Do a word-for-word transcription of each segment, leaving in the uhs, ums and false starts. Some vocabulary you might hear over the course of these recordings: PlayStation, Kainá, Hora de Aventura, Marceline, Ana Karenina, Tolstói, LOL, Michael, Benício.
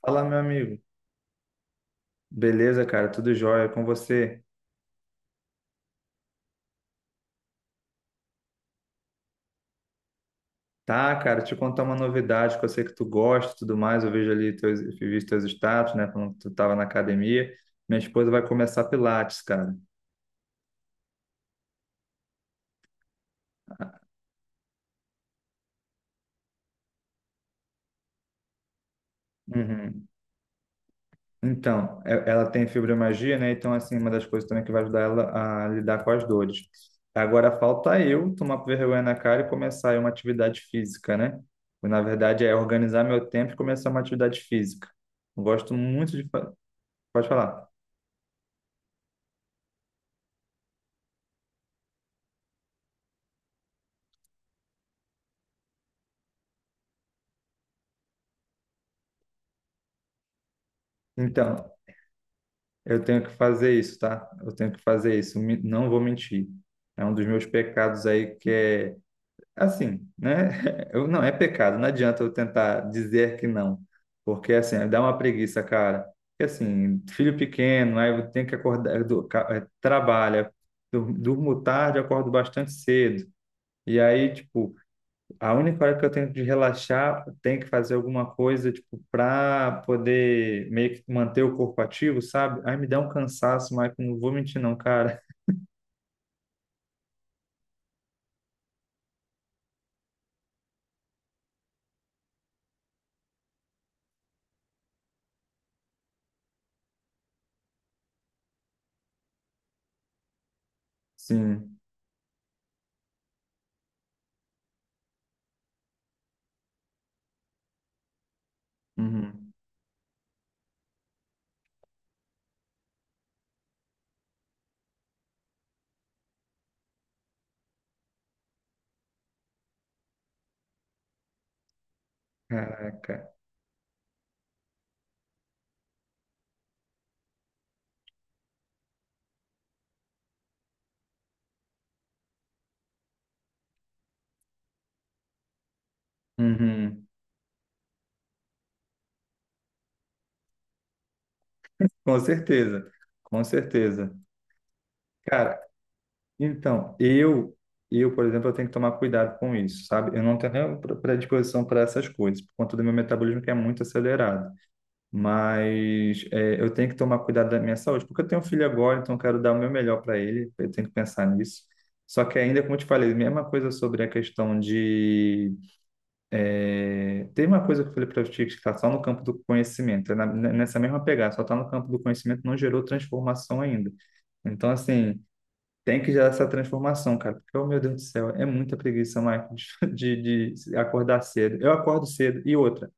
Fala, meu amigo. Beleza, cara? Tudo jóia com você? Tá, cara, te contar uma novidade que eu sei que tu gosta e tudo mais. Eu vejo ali teus, eu vi teus status, né? Quando tu tava na academia. Minha esposa vai começar Pilates, cara. Uhum. Então, e- ela tem fibromialgia, né? Então, assim, uma das coisas também que vai ajudar ela a lidar com as dores. Agora falta eu tomar vergonha na cara e começar aí uma atividade física, né? Na verdade, é organizar meu tempo e começar uma atividade física. Eu gosto muito de... fa- Pode falar. Então, eu tenho que fazer isso, tá? Eu tenho que fazer isso. Me- Não vou mentir. É um dos meus pecados aí que é assim, né? Eu, não, é pecado. Não adianta eu tentar dizer que não, porque assim, dá uma preguiça, cara. Porque assim, filho pequeno, aí eu tenho que acordar, eu dou- ca- eh, trabalha, dur- durmo tarde, acordo bastante cedo. E aí, tipo, a única hora que eu tenho de relaxar, eu tenho que fazer alguma coisa, tipo, para poder meio que manter o corpo ativo, sabe? Ai, me dá um cansaço, Michael, não vou mentir não, cara. Sim. Uhum. Caraca. Uhum. Com certeza. Com certeza. Cara, então, eu, eu, por exemplo, eu tenho que tomar cuidado com isso, sabe? Eu não tenho nem predisposição para essas coisas, por conta do meu metabolismo que é muito acelerado. mas é, eu tenho que tomar cuidado da minha saúde, porque eu tenho um filho agora, então eu quero dar o meu melhor para ele, eu tenho que pensar nisso. Só que ainda, como eu te falei, mesma coisa sobre a questão de... é, Tem uma coisa que eu falei para ti que está só no campo do conhecimento, é na- nessa mesma pegada, só está no campo do conhecimento, não gerou transformação ainda. Então, assim, tem que gerar essa transformação, cara. Porque, oh, meu Deus do céu, é muita preguiça, Michael, de, de acordar cedo. Eu acordo cedo. E outra,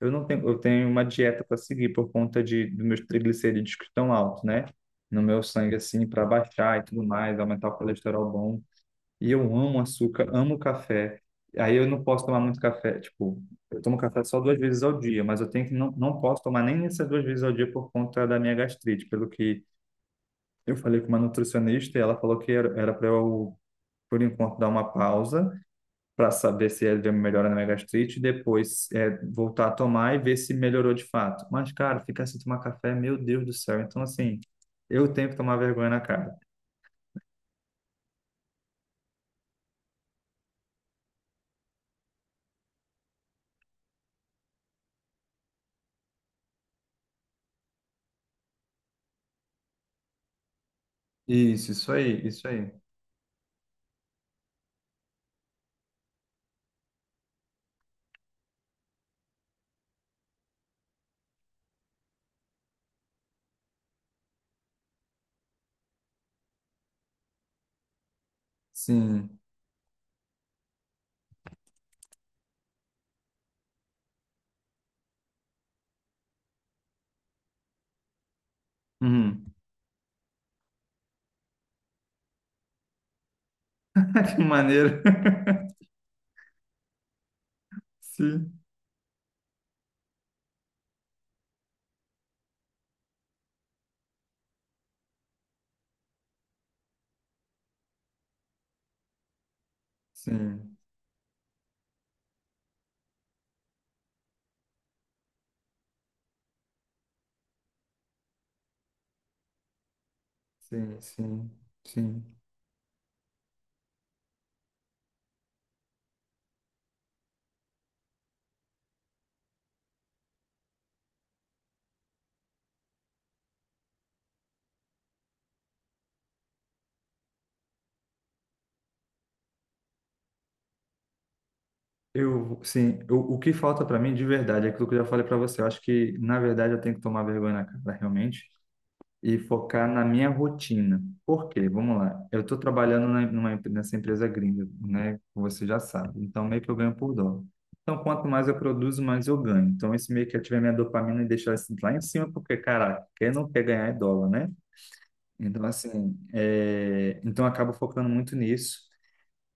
eu não tenho, eu tenho uma dieta para seguir por conta de, dos meus triglicerídeos que estão altos, né? No meu sangue, assim, para baixar e tudo mais, aumentar o colesterol bom. E eu amo açúcar, amo café. Aí eu não posso tomar muito café. Tipo, eu tomo café só duas vezes ao dia, mas eu tenho que não, não posso tomar nem essas duas vezes ao dia por conta da minha gastrite, pelo que eu falei com uma nutricionista e ela falou que era para eu, por enquanto, dar uma pausa para saber se ele deu uma melhora na minha gastrite e depois é, voltar a tomar e ver se melhorou de fato. Mas, cara, ficar sem tomar café, meu Deus do céu. Então, assim, eu tenho que tomar vergonha na cara. Isso, isso aí, isso aí. Sim. Uhum. Que maneiro. Sim, sim, sim, sim, sim. Eu, sim, eu- o que falta para mim de verdade é aquilo que eu já falei para você. Eu acho que, na verdade, eu tenho que tomar vergonha na cara, realmente, e focar na minha rotina. Por quê? Vamos lá. Eu estou trabalhando na- numa, empre- nessa empresa gringa, né? Como você já sabe. Então, meio que eu ganho por dólar. Então, quanto mais eu produzo, mais eu ganho. Então, isso meio que ativa minha dopamina e deixa assim, lá em cima, porque, caraca, quem não quer ganhar é dólar, né? Então, assim, é... então eu acabo focando muito nisso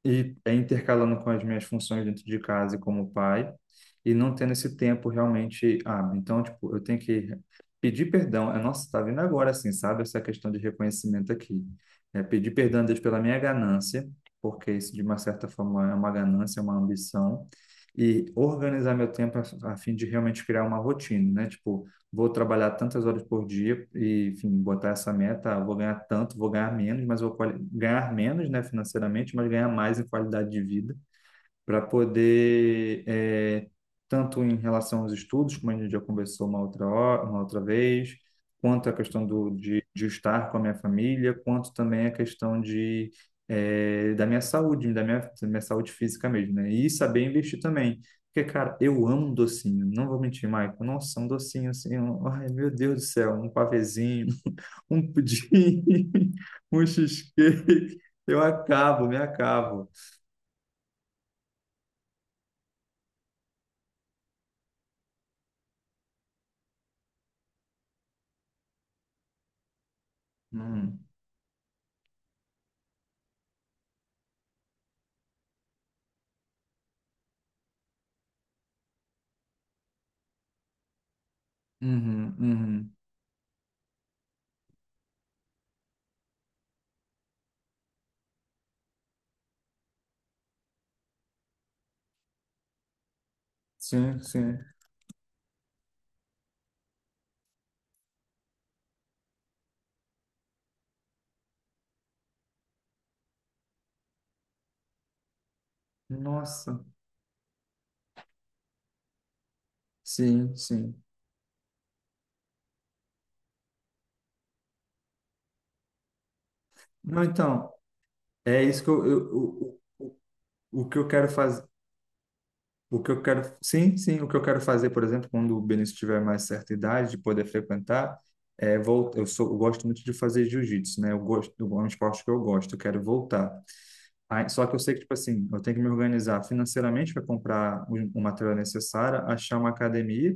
e é intercalando com as minhas funções dentro de casa e como pai, e não tendo esse tempo realmente hábil. Então, tipo, eu tenho que pedir perdão. É, nossa, tá vindo agora, assim, sabe? Essa questão de reconhecimento aqui. É pedir perdão a Deus pela minha ganância, porque isso, de uma certa forma, é uma ganância, é uma ambição. E organizar meu tempo a, a fim de realmente criar uma rotina, né? Tipo, vou trabalhar tantas horas por dia e, enfim, botar essa meta, ah, vou ganhar tanto, vou ganhar menos, mas vou ganhar menos, né, financeiramente, mas ganhar mais em qualidade de vida para poder, é, tanto em relação aos estudos, como a gente já conversou uma outra hora, uma outra vez, quanto a questão do, de, de estar com a minha família, quanto também a questão de, é, da minha saúde, da minha, da minha saúde física mesmo, né? E saber investir também. Porque, cara, eu amo um docinho, não vou mentir, Maicon. Nossa, um docinho assim, um- ai meu Deus do céu, um pavezinho, um pudim, um cheesecake, eu acabo, me acabo. Hum. Uhum, uhum. Sim, sim. Nossa, sim, sim. Não, então, é isso que eu, eu- o, o, o o que eu quero fazer, o que eu quero, sim, sim, o que eu quero fazer, por exemplo, quando o Benício tiver mais certa idade de poder frequentar, é vol- eu sou, eu gosto muito de fazer jiu-jitsu, né? Eu gosto, é um esporte que eu gosto, eu quero voltar. Aí, só que eu sei que, tipo assim, eu tenho que me organizar financeiramente para comprar o, o material necessário, achar uma academia.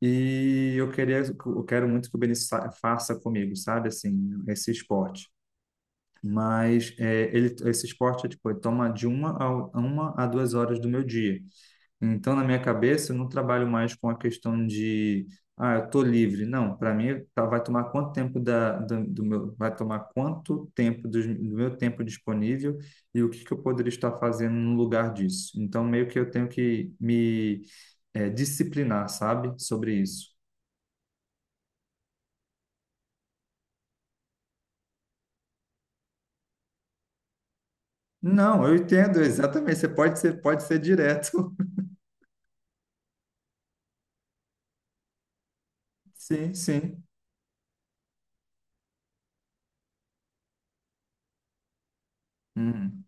E eu queria, eu quero muito que o Benício sa- faça comigo, sabe, assim, esse esporte. Mas é, ele, esse esporte, é, tipo, ele toma de uma a, uma a duas horas do meu dia. Então, na minha cabeça, eu não trabalho mais com a questão de, ah, eu tô livre. Não, para mim, tá- vai tomar quanto tempo da, do, do meu, vai tomar quanto tempo dos- do, meu tempo disponível e o que que eu poderia estar fazendo no lugar disso. Então, meio que eu tenho que me, é, disciplinar, sabe, sobre isso. Não, eu entendo, exatamente. Você pode ser, pode ser direto. Sim, sim. Hum,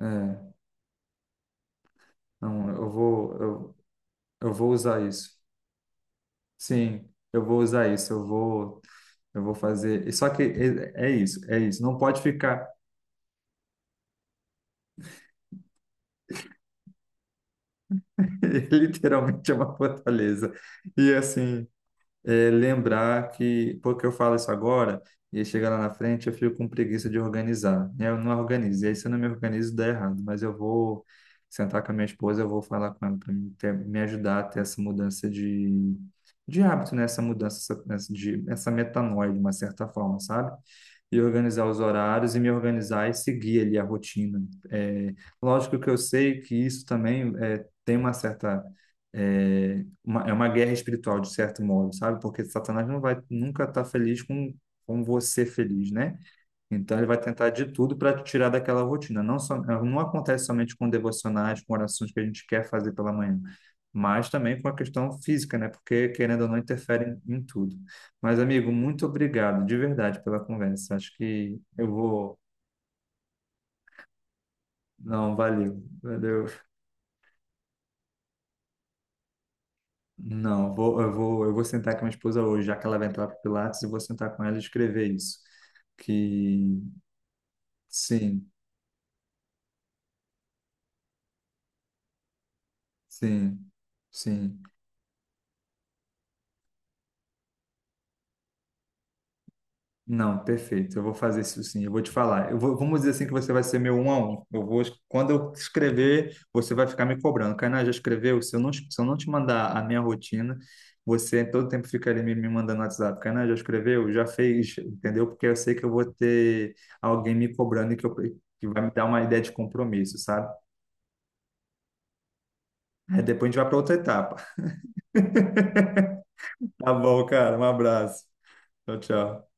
é. Não, eu vou, eu, eu vou usar isso. Sim, eu vou usar isso. Eu vou, eu vou fazer. E só que é, é isso, é isso. Não pode ficar. Literalmente é uma fortaleza. E assim, é, lembrar que, porque eu falo isso agora, e aí chega lá na frente, eu fico com preguiça de organizar. E eu não organizo. E aí, se eu não me organizo, dá errado. Mas eu vou sentar com a minha esposa, eu vou falar com ela para me, ter- me ajudar a ter essa mudança de, de hábito, né? Essa mudança, essa, essa, de, essa metanoia, de uma certa forma, sabe? E organizar os horários e me organizar e seguir ali a rotina. É, lógico que eu sei que isso também é, tem uma certa é uma, é uma guerra espiritual, de certo modo, sabe? Porque Satanás não vai nunca estar tá feliz com, com você feliz, né? Então, ele vai tentar de tudo para te tirar daquela rotina. Não, só, eh, não acontece somente com devocionais, com orações que a gente quer fazer pela manhã, mas também com a questão física, né? Porque, querendo ou não, interfere em, em tudo. Mas, amigo, muito obrigado, de verdade, pela conversa. Acho que eu vou. Não, valeu. Valeu. Não, vou, eu vou, eu vou sentar com a minha esposa hoje, já que ela vai entrar para Pilates, e vou sentar com ela e escrever isso. Que sim, sim, sim. Não, perfeito. Eu vou fazer isso sim. Eu vou te falar. Eu vou, vamos dizer assim que você vai ser meu um a um. Eu vou, quando eu escrever, você vai ficar me cobrando. Kainá, já escreveu? Se eu não, se eu não te mandar a minha rotina, você todo tempo fica ali me, me mandando WhatsApp. Kainá, já escreveu? Já fez? Entendeu? Porque eu sei que eu vou ter alguém me cobrando e que, eu, que vai me dar uma ideia de compromisso, sabe? Aí depois a gente vai para outra etapa. Tá bom, cara. Um abraço. Tchau, tchau.